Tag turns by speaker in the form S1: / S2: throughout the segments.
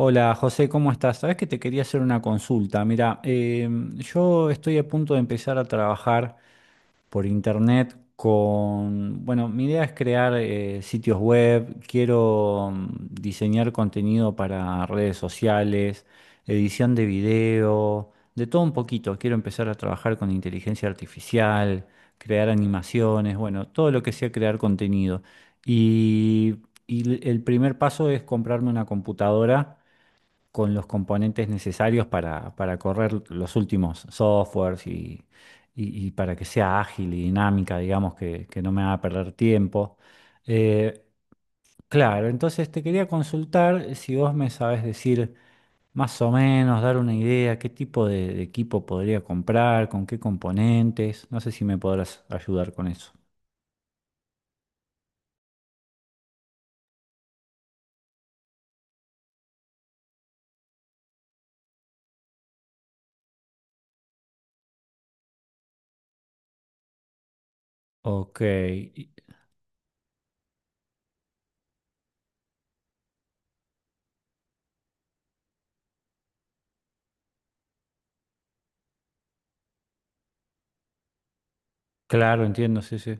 S1: Hola José, ¿cómo estás? Sabes que te quería hacer una consulta. Mira, yo estoy a punto de empezar a trabajar por internet con, mi idea es crear sitios web, quiero diseñar contenido para redes sociales, edición de video, de todo un poquito. Quiero empezar a trabajar con inteligencia artificial, crear animaciones, bueno, todo lo que sea crear contenido. Y, y el primer paso es comprarme una computadora con los componentes necesarios para correr los últimos softwares y para que sea ágil y dinámica, digamos, que no me haga perder tiempo. Eh, claro, entonces te quería consultar si vos me sabes decir más o menos, dar una idea, qué tipo de equipo podría comprar, con qué componentes. No sé si me podrás ayudar con eso. Ok, y- claro, entiendo, sí, sí.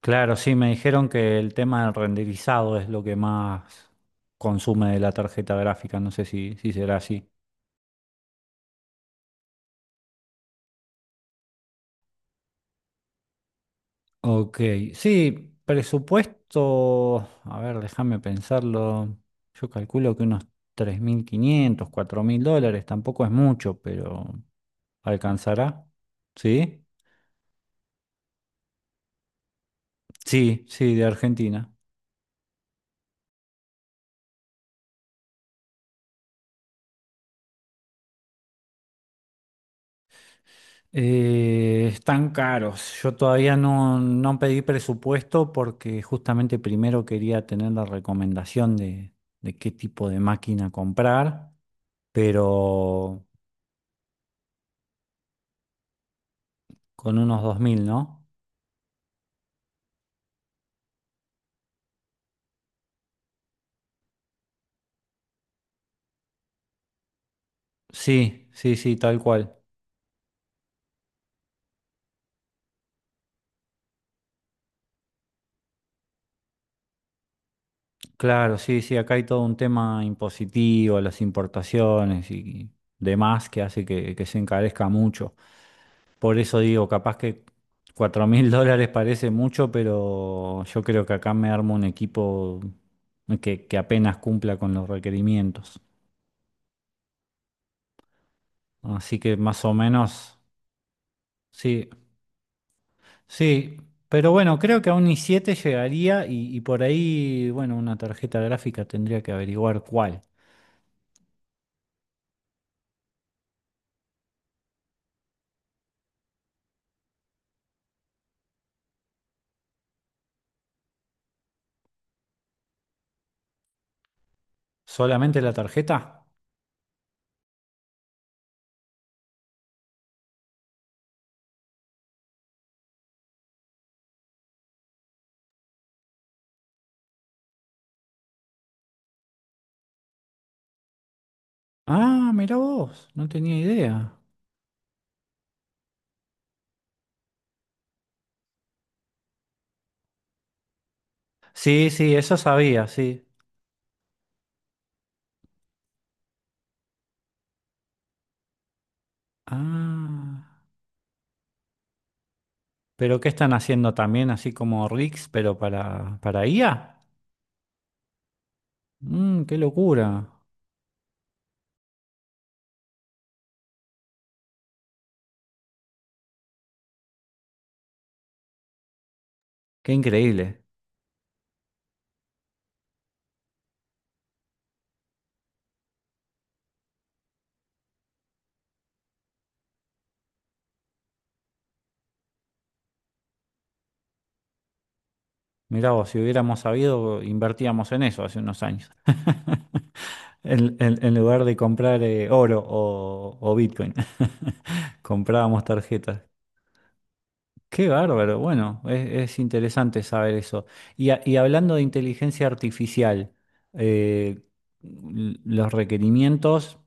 S1: Claro, sí, me dijeron que el tema del renderizado es lo que más consume de la tarjeta gráfica, no sé si será así. Ok, sí, presupuesto, a ver, déjame pensarlo, yo calculo que unos $3500, $4000, tampoco es mucho, pero ¿alcanzará? Sí, sí, sí, de Argentina. Están caros. Yo todavía no pedí presupuesto porque justamente primero quería tener la recomendación de qué tipo de máquina comprar, pero con unos 2000, ¿no? Sí, sí, sí, tal cual. Claro, sí, sí, acá hay todo un tema impositivo, las importaciones y demás que hace que se encarezca mucho. Por eso digo, capaz que 4000 dólares parece mucho, pero yo creo que acá me armo un equipo que apenas cumpla con los requerimientos. Así que más o menos, sí, sí. Pero bueno, creo que a un i7 llegaría y por ahí, bueno, una tarjeta gráfica tendría que averiguar cuál. ¿Solamente la tarjeta? Ah, mira vos, no tenía idea. Sí, sí, eso sabía, sí. Ah, ¿pero qué están haciendo también, así como Rix, pero para IA? Qué locura, qué increíble. Mirá vos, si hubiéramos sabido, invertíamos en eso hace unos años. En lugar de comprar oro o Bitcoin, comprábamos tarjetas. Qué bárbaro. Bueno, es interesante saber eso. Y, a- y hablando de inteligencia artificial, eh, l- los requerimientos,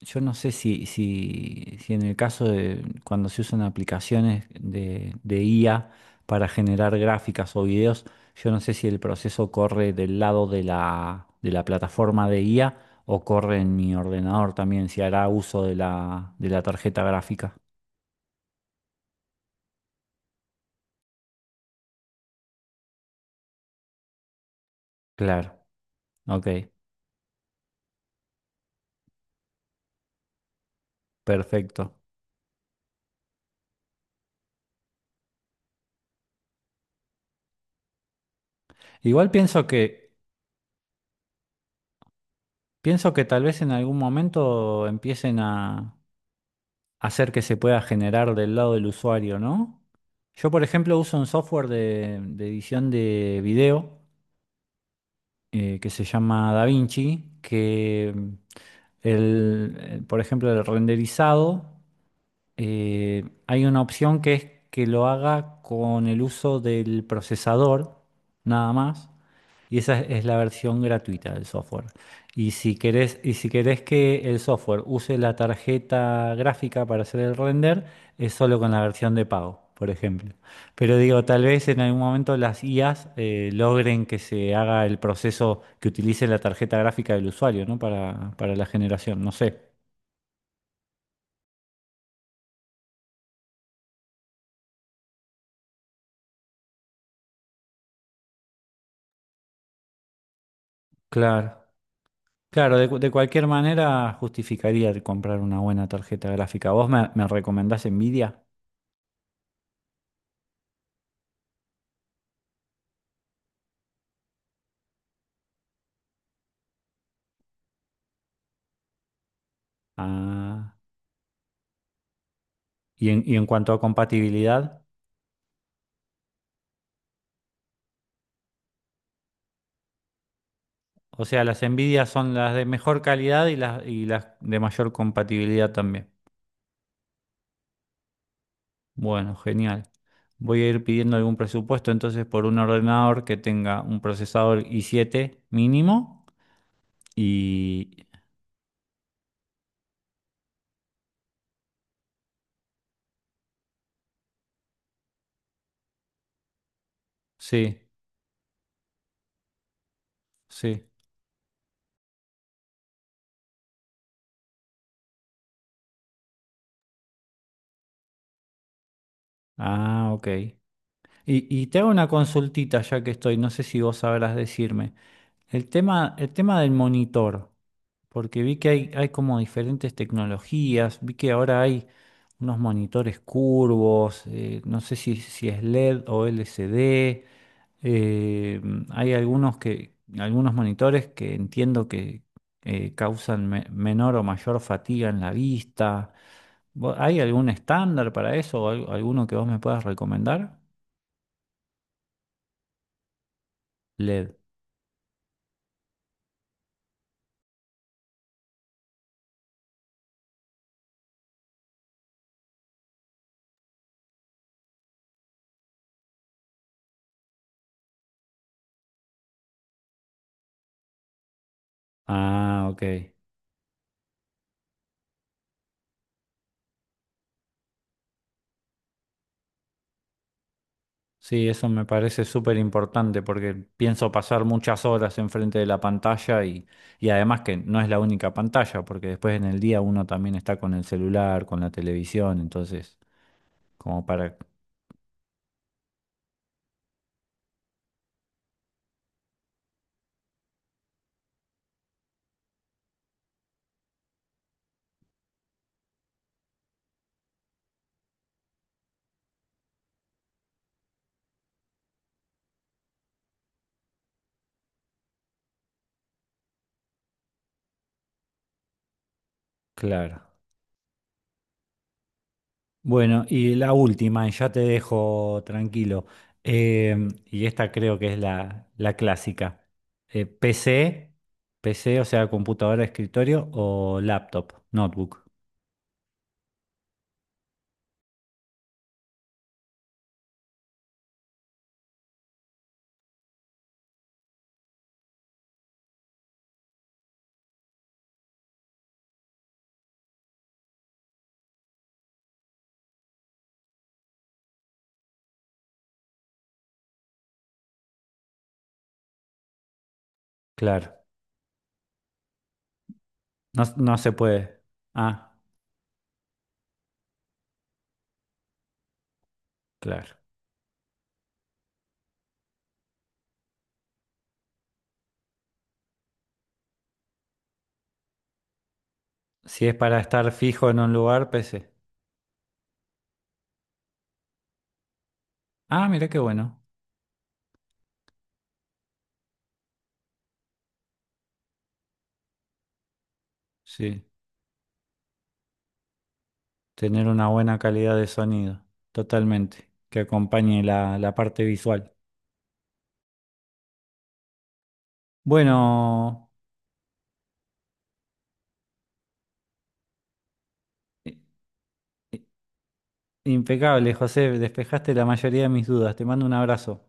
S1: yo no sé si en el caso de cuando se usan aplicaciones de IA para generar gráficas o videos, yo no sé si el proceso corre del lado de la plataforma de IA o corre en mi ordenador también, si hará uso de la tarjeta gráfica. Claro, ok, perfecto. Igual pienso que tal vez en algún momento empiecen a hacer que se pueda generar del lado del usuario, ¿no? Yo, por ejemplo, uso un software de edición de video que se llama DaVinci, que el, por ejemplo, el renderizado. Hay una opción que es que lo haga con el uso del procesador, nada más, y esa es la versión gratuita del software. Y si querés que el software use la tarjeta gráfica para hacer el render, es solo con la versión de pago. Por ejemplo. Pero digo, tal vez en algún momento las IAs logren que se haga el proceso que utilice la tarjeta gráfica del usuario, ¿no? Para la generación, no sé. Claro. Claro, de, cu- de cualquier manera justificaría el comprar una buena tarjeta gráfica. ¿Vos me, me recomendás Nvidia? Ah, y en cuanto a compatibilidad, o sea, las Nvidia son las de mejor calidad y las de mayor compatibilidad también. Bueno, genial. Voy a ir pidiendo algún presupuesto entonces por un ordenador que tenga un procesador i7 mínimo y... Sí, sí. Ah, ok. Y te hago una consultita ya que estoy, no sé si vos sabrás decirme. El tema del monitor, porque vi que hay como diferentes tecnologías, vi que ahora hay unos monitores curvos, no sé si, si es LED o LCD, eh, hay algunos que, algunos monitores que entiendo que causan me- menor o mayor fatiga en la vista. ¿Vo- ¿Hay algún estándar para eso o al- alguno que vos me puedas recomendar? LED. Ah, ok. Sí, eso me parece súper importante porque pienso pasar muchas horas enfrente de la pantalla y además que no es la única pantalla, porque después en el día uno también está con el celular, con la televisión, entonces como para... Claro. Bueno, y la última, y ya te dejo tranquilo, eh, y esta creo que es la, la clásica. PC, PC, o sea, computadora de escritorio o laptop, notebook. Claro. No, no se puede. Ah, claro. Si es para estar fijo en un lugar, PC. Ah, mira qué bueno. Sí, tener una buena calidad de sonido. Totalmente. Que acompañe la, la parte visual. Bueno, i- i- impecable, José. Despejaste la mayoría de mis dudas. Te mando un abrazo.